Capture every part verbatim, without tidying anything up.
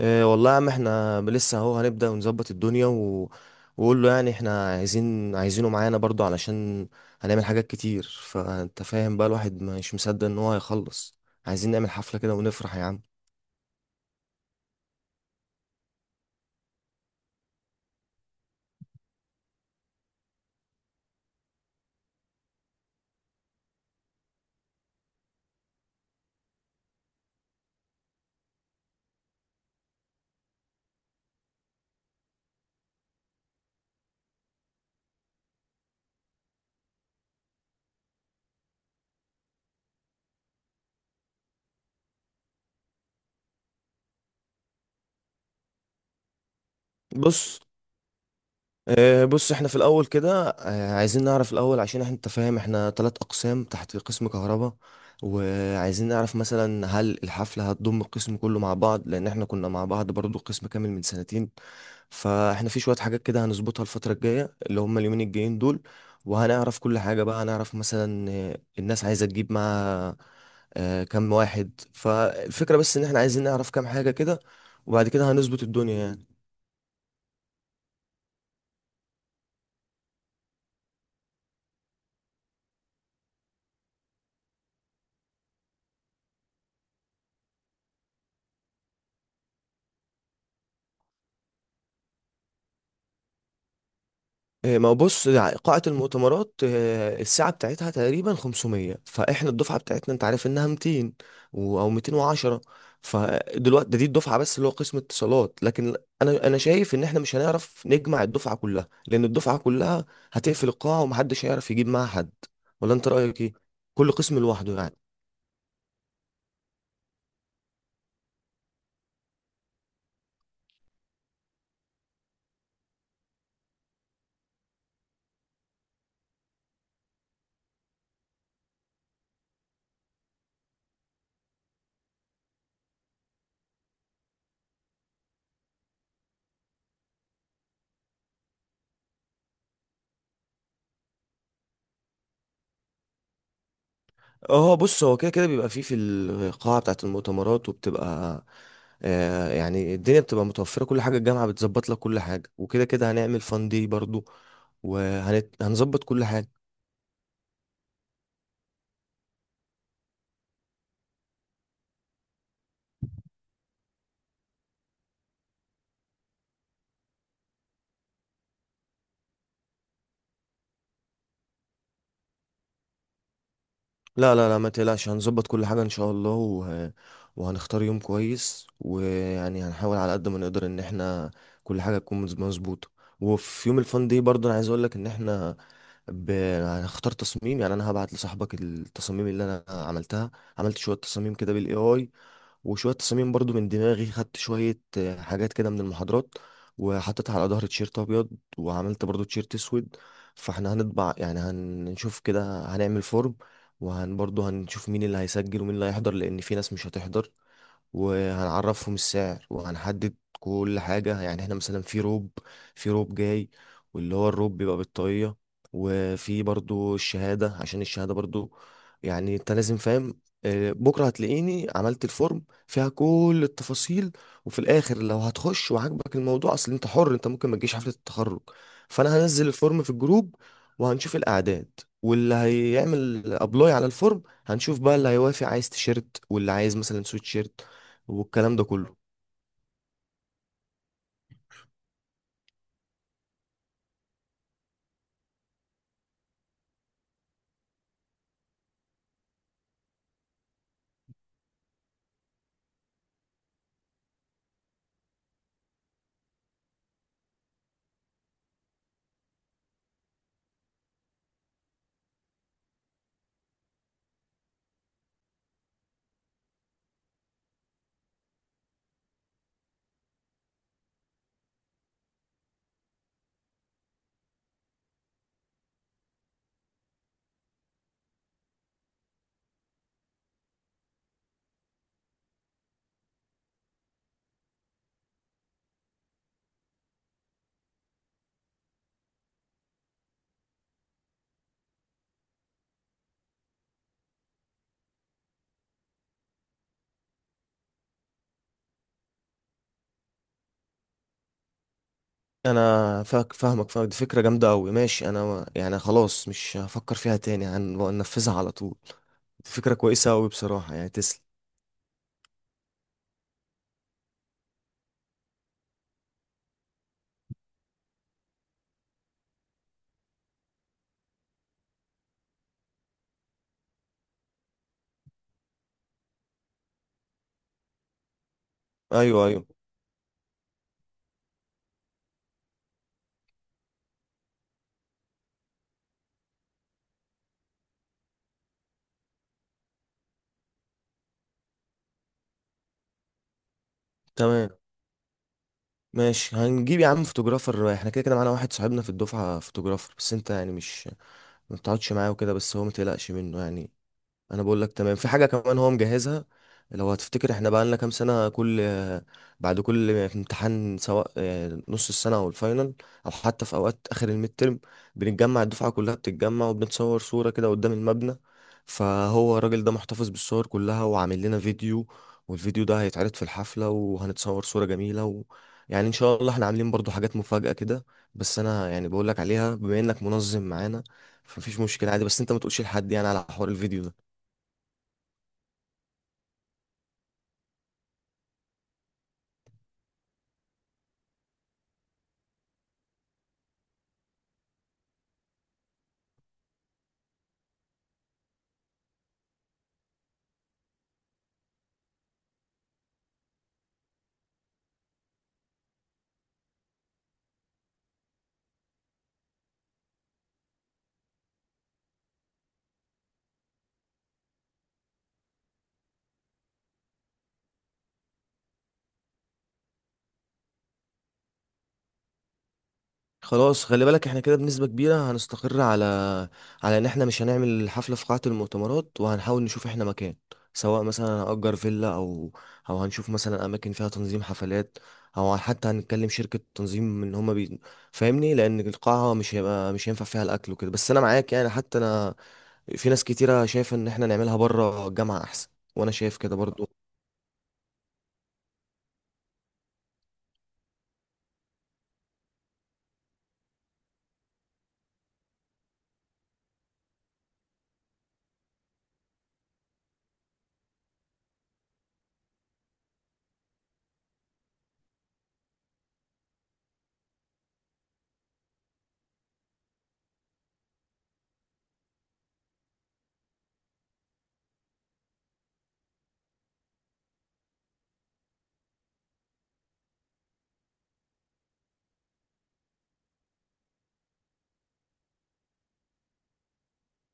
إيه والله يا عم، احنا لسه اهو هنبدأ ونظبط الدنيا و... وقول له، يعني احنا عايزين عايزينه معانا برضو علشان هنعمل حاجات كتير. فانت فاهم بقى، الواحد مش مصدق ان هو هيخلص. عايزين نعمل حفلة كده ونفرح يا عم. بص، إيه. بص، احنا في الاول كده آه، عايزين نعرف الاول، عشان احنا، انت فاهم، احنا ثلاث اقسام تحت قسم كهرباء. وعايزين نعرف مثلا هل الحفلة هتضم القسم كله مع بعض، لان احنا كنا مع بعض برضو قسم كامل من سنتين. فاحنا في شوية حاجات كده هنظبطها الفترة الجاية اللي هم اليومين الجايين دول. وهنعرف كل حاجة بقى. هنعرف مثلا آه، الناس عايزة تجيب معاها آه، كم واحد. فالفكرة بس ان احنا عايزين نعرف كام حاجة كده، وبعد كده هنظبط الدنيا يعني. آه، ما هو بص، يعني قاعة المؤتمرات آه، الساعة بتاعتها تقريبا خمسمية، فاحنا الدفعة بتاعتنا انت عارف انها ميتين و- او ميتين وعشرة. فدلوقتي ده دي الدفعة بس اللي هو قسم اتصالات. لكن انا انا شايف ان احنا مش هنعرف نجمع الدفعة كلها، لان الدفعة كلها هتقفل القاعة ومحدش هيعرف يجيب معاها حد. ولا انت رأيك ايه؟ كل قسم لوحده يعني. اه بص، هو كده كده بيبقى فيه في القاعة بتاعة المؤتمرات، وبتبقى آه يعني الدنيا بتبقى متوفرة، كل حاجة الجامعة بتظبط لك كل حاجة. وكده كده هنعمل فان دي برضو، وهنظبط كل حاجة. لا لا لا، ما تقلقش، هنظبط كل حاجة ان شاء الله. وه... وهنختار يوم كويس، ويعني هنحاول على قد ما نقدر ان احنا كل حاجة تكون مز- مظبوطة. وفي يوم الفن دي برضه انا عايز اقول لك ان احنا ب... هنختار تصميم. يعني انا هبعت لصاحبك التصاميم اللي انا عملتها. عملت شوية تصاميم كده بالاي اي، وشوية تصاميم برضو من دماغي. خدت شوية آه، حاجات كده من المحاضرات وحطيتها على ظهر تيشيرت أبيض، وعملت برضو تيشيرت أسود. فاحنا هنطبع يعني. هنشوف كده، هنعمل فورم، وهن برضو هنشوف مين اللي هيسجل ومين اللي هيحضر، لأن في ناس مش هتحضر. وهنعرفهم السعر وهنحدد كل حاجة. يعني احنا مثلا في روب، في روب جاي، واللي هو الروب بيبقى بالطاقية، وفي برضو الشهادة، عشان الشهادة برضو يعني انت لازم فاهم. آه، بكرة هتلاقيني عملت الفورم فيها كل التفاصيل. وفي الاخر لو هتخش وعاجبك الموضوع، اصل انت حر، انت ممكن ما تجيش حفلة التخرج. فانا هنزل الفورم في الجروب وهنشوف الاعداد، واللي هيعمل ابلاي على الفورم هنشوف بقى، اللي هيوافق عايز تيشيرت واللي عايز مثلا سويت شيرت، والكلام ده كله. انا فاك فاهمك فاهمك. دي فكره جامده قوي، ماشي. انا ما- يعني خلاص، مش هفكر فيها تاني، هنفذها على طول. دي فكره كويسه قوي بصراحه يعني. تسلم. ايوه، ايوه. تمام، ماشي. هنجيب يا عم فوتوغرافر، احنا كده كده معانا واحد صاحبنا في الدفعه فوتوغرافر. بس انت يعني مش ما بتقعدش معاه وكده، بس هو ما تقلقش منه يعني. انا بقول لك تمام. في حاجه كمان هو مجهزها. لو هتفتكر احنا بقى لنا كام سنه، كل بعد كل امتحان سواء آه، نص السنه او الفاينل، او حتى في اوقات اخر الميد ترم، بنتجمع الدفعه كلها، بتتجمع وبنتصور صوره كده قدام المبنى. فهو الراجل ده محتفظ بالصور كلها وعامل لنا فيديو. والفيديو ده هيتعرض في الحفله، وهنتصور صوره جميله و... يعني ان شاء الله. احنا عاملين برضو حاجات مفاجاه كده، بس انا يعني بقول لك عليها بما انك منظم معانا. فمفيش مشكله عادي، بس انت ما تقولش لحد يعني على حوار الفيديو ده. خلاص. خلي بالك، احنا كده بنسبة كبيرة هنستقر على على ان احنا مش هنعمل الحفلة في قاعة المؤتمرات، وهنحاول نشوف احنا مكان، سواء مثلا هنأجر فيلا، او او هنشوف مثلا اماكن فيها تنظيم حفلات، او حتى هنتكلم شركة تنظيم ان هما بي... فاهمني. لان القاعة مش هيبقى، مش هينفع فيها الاكل وكده. بس انا معاك يعني، حتى انا، في ناس كتيرة شايفة ان احنا نعملها بره الجامعة احسن، وانا شايف كده برضو.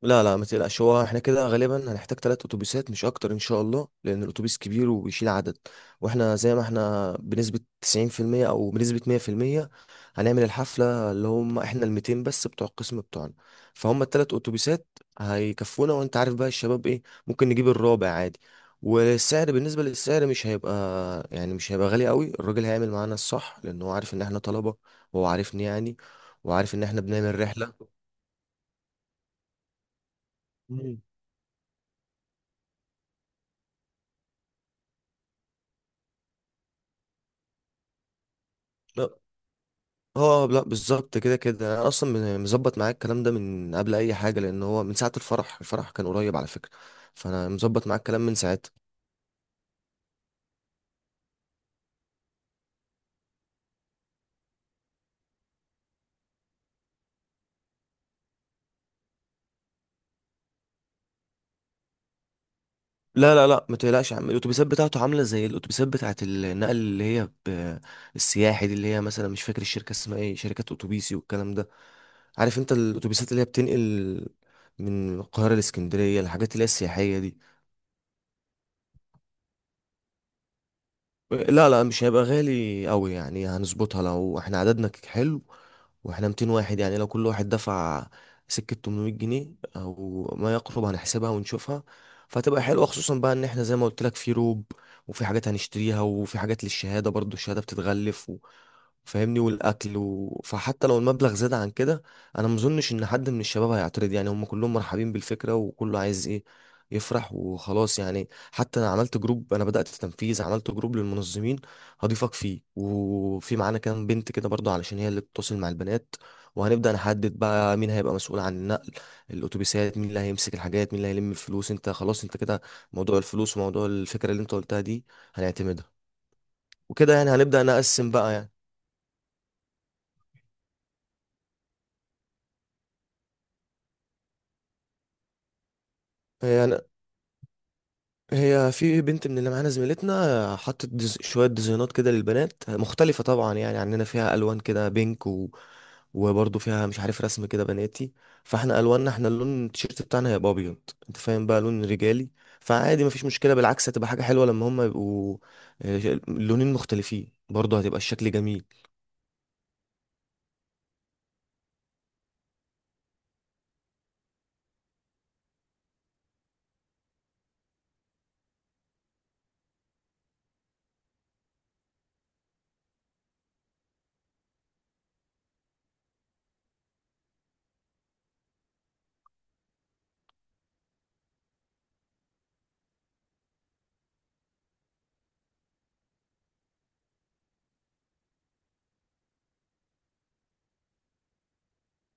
لا لا، ما تقلقش. هو احنا كده غالبا هنحتاج ثلاث اتوبيسات مش اكتر ان شاء الله، لان الاتوبيس كبير وبيشيل عدد. واحنا زي ما احنا بنسبة تسعين في المية او بنسبة مئة في المئة هنعمل الحفلة، اللي هم احنا ال ميتين بس بتوع القسم بتوعنا. فهم الثلاث اتوبيسات هيكفونا. وانت عارف بقى الشباب ايه، ممكن نجيب الرابع عادي. والسعر، بالنسبة للسعر مش هيبقى يعني مش هيبقى غالي قوي. الراجل هيعمل معانا الصح، لان هو عارف ان احنا طلبة، وهو عارفني يعني، وعارف ان احنا بنعمل رحلة. مم. اه لا، بالظبط كده كده انا اصلا مظبط معاك الكلام ده من قبل اي حاجه، لان هو من ساعه الفرح. الفرح كان قريب على فكره، فانا مظبط معاك الكلام من ساعتها. لا لا لا، ما تقلقش يا عم. الاتوبيسات بتاعته عامله زي الاتوبيسات بتاعه النقل اللي هي ب- السياحي دي، اللي هي مثلا، مش فاكر الشركه اسمها ايه، شركات اتوبيسي والكلام ده. عارف انت الاتوبيسات اللي هي بتنقل من القاهره لاسكندريه، الحاجات اللي هي السياحيه دي. لا لا، مش هيبقى غالي قوي يعني. هنظبطها لو احنا عددنا ك- حلو. واحنا ميتين واحد يعني، لو كل واحد دفع سكة تمنمية جنيه او ما يقرب، هنحسبها ونشوفها. فهتبقى حلوة، خصوصا بقى ان احنا زي ما قلت لك في روب، وفي حاجات هنشتريها، وفي حاجات للشهادة، برضو الشهادة بتتغلف و... فاهمني، والاكل و... فحتى لو المبلغ زاد عن كده، انا مظنش ان حد من الشباب هيعترض يعني. هم كلهم مرحبين بالفكرة، وكله عايز ايه، يفرح وخلاص يعني. حتى انا عملت جروب، انا بدأت تنفيذ، عملت جروب للمنظمين. هضيفك فيه، وفي معانا كام بنت كده برضو علشان هي اللي بتتواصل مع البنات. وهنبدأ نحدد بقى مين هيبقى مسؤول عن النقل، الاتوبيسات، مين اللي هيمسك الحاجات، مين اللي هيلم الفلوس. انت خلاص، انت كده موضوع الفلوس وموضوع الفكرة اللي انت قلتها دي هنعتمدها. وكده يعني هنبدأ نقسم بقى يعني. يعني هي في بنت من اللي معانا زميلتنا حطت ديز... شوية ديزاينات كده للبنات مختلفة طبعا يعني عننا، فيها ألوان كده بينك و... وبرضه فيها مش عارف رسم كده بناتي. فاحنا ألواننا، احنا اللون التيشيرت بتاعنا هيبقى أبيض، انت فاهم، بقى لون رجالي. فعادي مفيش مشكلة، بالعكس هتبقى حاجة حلوة لما هما يبقوا آه، لونين مختلفين. برضه هتبقى الشكل جميل.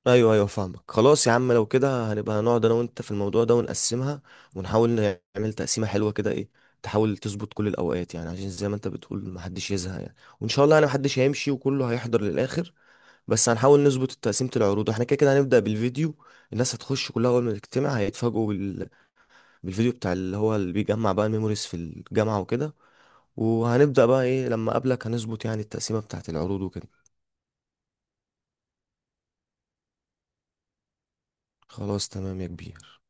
ايوه، ايوه، فاهمك. خلاص يا عم، لو كده هنبقى هنقعد انا وانت في الموضوع ده ونقسمها، ونحاول نعمل تقسيمه حلوه كده ايه. تحاول تظبط كل الاوقات يعني، عشان زي ما انت بتقول محدش يزهق يعني. وان شاء الله انا محدش هيمشي وكله هيحضر للاخر. بس هنحاول نظبط تقسيمه العروض. احنا كده كده هنبدا بالفيديو. الناس هتخش كلها اول ما تجتمع هيتفاجئوا بال... بالفيديو بتاع اللي هو اللي بيجمع بقى الميموريز في الجامعه وكده. وهنبدا بقى ايه لما اقابلك هنظبط يعني التقسيمه بتاعه العروض وكده. خلاص تمام يا كبير.